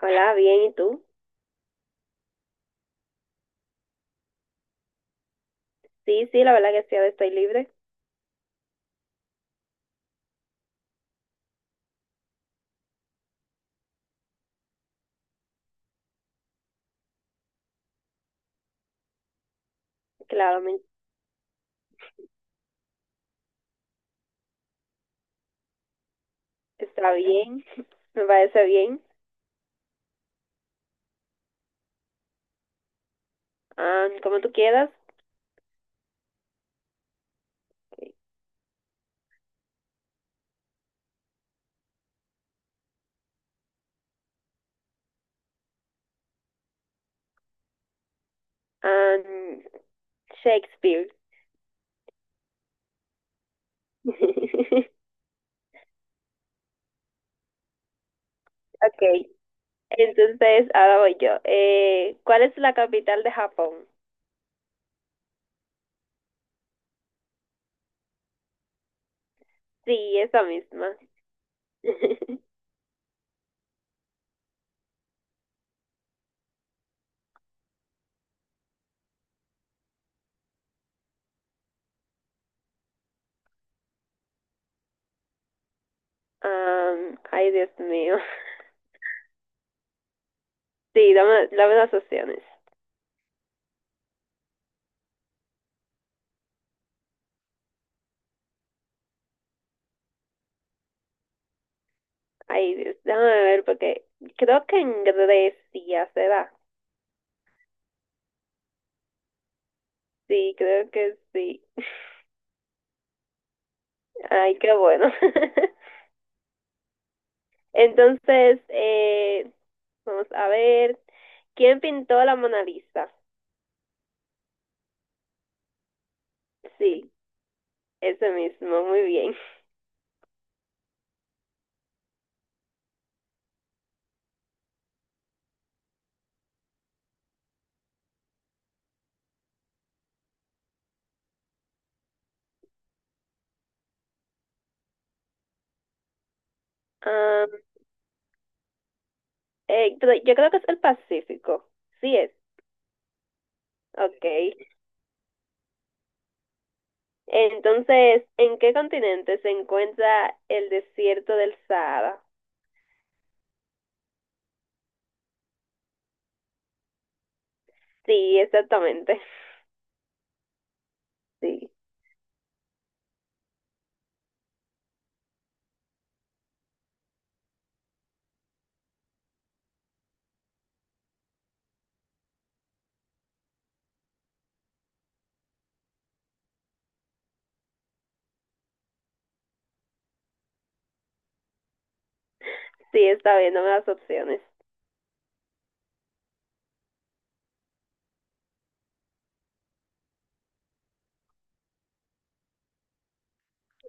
Hola, bien, ¿y tú? Sí, sí, la verdad que sí, ahora estoy libre. Claro, está bien, me parece bien. Ah, como tú quieras. Ah, Shakespeare. Okay, entonces ahora voy yo. ¿Cuál es la capital de Japón? Sí, esa misma. Ah, ay, Dios mío. Sí, dame, dame las opciones. Ay, Dios, déjame ver porque creo que en Grecia se da. Sí, creo que sí. Ay, qué bueno. Entonces, vamos a ver. ¿Quién pintó la Mona Lisa? Sí, ese mismo, muy bien. Ah, pero yo creo que es el Pacífico. Sí es. Ok. Entonces, ¿en qué continente se encuentra el desierto del Sahara? Sí, exactamente. Sí, sí, está bien, dame las opciones.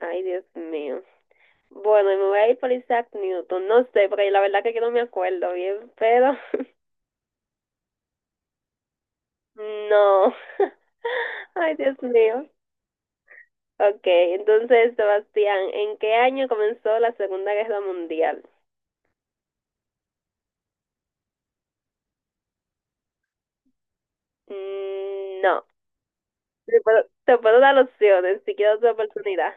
Ay, Dios mío. Bueno, y me voy a ir por Isaac Newton. No sé, porque la verdad que yo no me acuerdo bien, pero no. Ay, Dios mío. Ok, entonces, Sebastián, ¿en qué año comenzó la Segunda Guerra Mundial? Mm, no. Te puedo dar opciones si quieres otra oportunidad.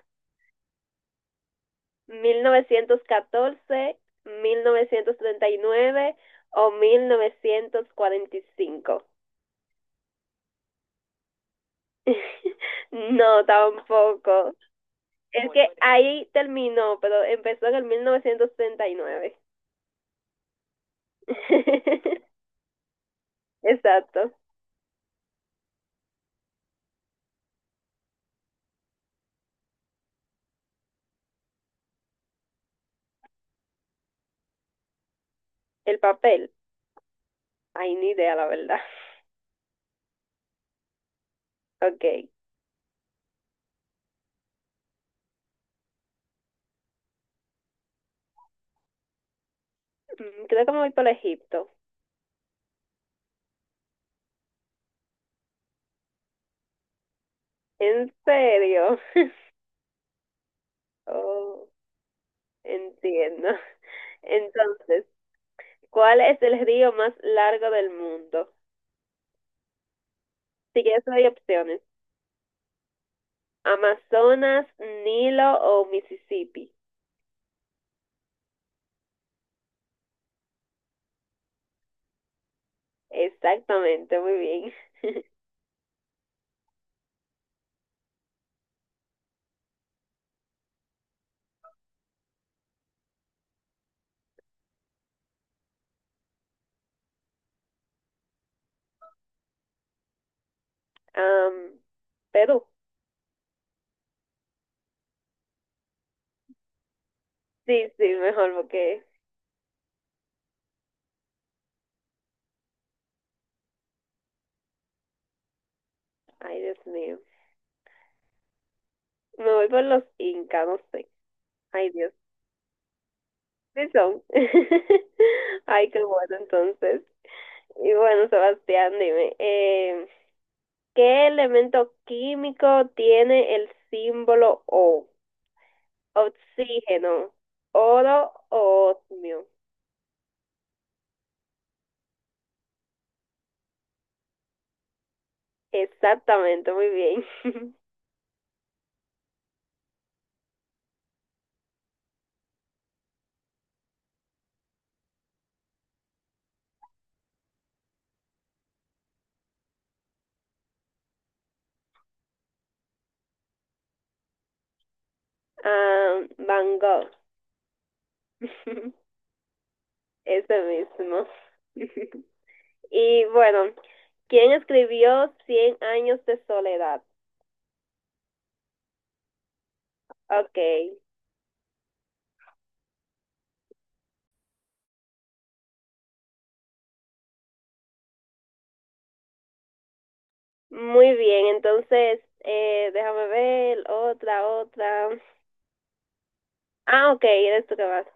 Mil novecientos catorce, 1939 o 1945. No, tampoco. Es que ahí terminó, pero empezó en el 1939. Exacto, el papel. Ay, ni idea, la verdad. Ok. Mm, creo que me voy por Egipto. ¿En serio? Oh, entiendo. Entonces, ¿cuál es el río más largo del mundo? Si quieres, te doy opciones. Amazonas, Nilo o Mississippi. Exactamente, muy bien. Am, Perú. Sí, sí, mejor porque... Ay, Dios mío. Me voy por los Incas, no sé. Ay, Dios. Sí son. Ay, qué bueno, entonces. Y bueno, Sebastián, dime, ¿qué elemento químico tiene el símbolo O? Oxígeno, oro o osmio. Exactamente, muy bien. Ah, Van Gogh, ese mismo. Y bueno, ¿quién escribió Cien años de soledad? Ok, muy bien, entonces déjame ver, otra, otra. Ah, ok, eres tú que vas.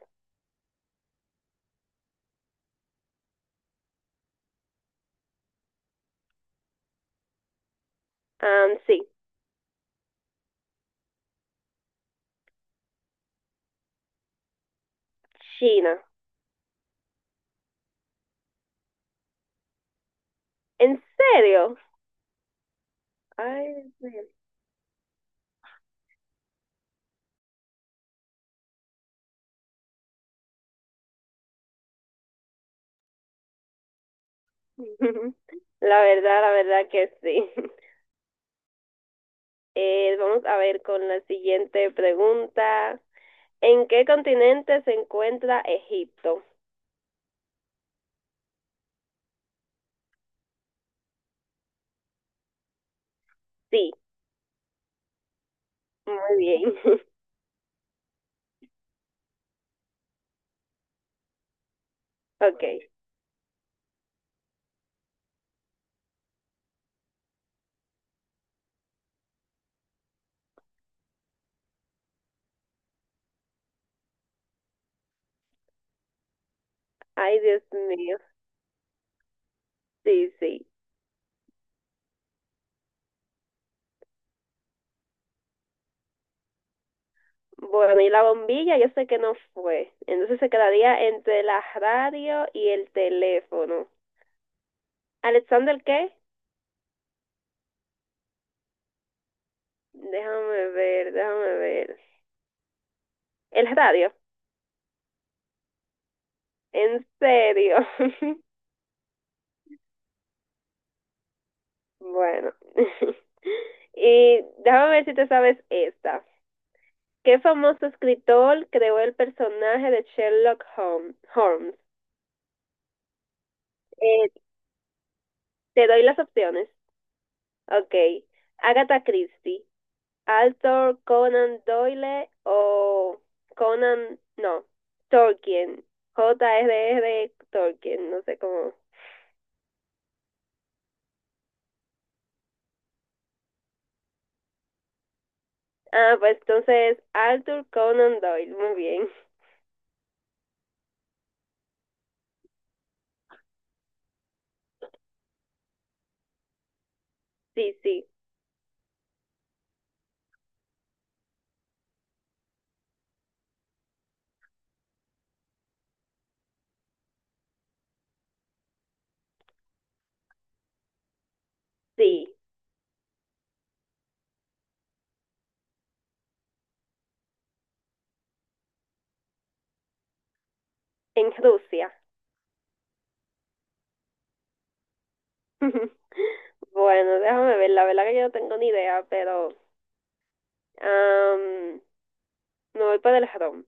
Ah, sí, China. ¿En serio? Ay, Dios mío. La verdad que sí. Vamos a ver con la siguiente pregunta. ¿En qué continente se encuentra Egipto? Sí, muy bien. Ok. Ay, Dios mío. Sí, sí. Bueno, y la bombilla yo sé que no fue. Entonces se quedaría entre la radio y el teléfono. ¿Alexander qué? Déjame ver, déjame ver. ¿El radio? En serio. Bueno. Y déjame ver si te sabes esta. ¿Qué famoso escritor creó el personaje de Sherlock Holmes? Eh, Te doy las opciones. Ok. Agatha Christie, Arthur Conan Doyle o Conan, no, Tolkien. JRR Tolkien, no sé cómo. Ah, pues entonces Arthur Conan Doyle, muy bien. Sí, sí, sí, en Rusia. Bueno, déjame ver, la verdad que yo no tengo ni idea, pero am, me voy para el jarón.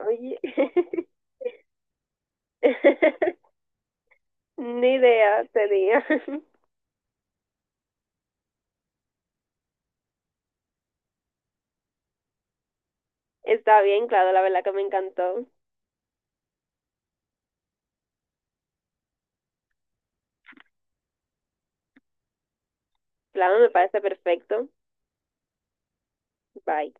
Oye, ni idea tenía. Está bien, claro, la verdad que me encantó. Claro, me parece perfecto. Bye.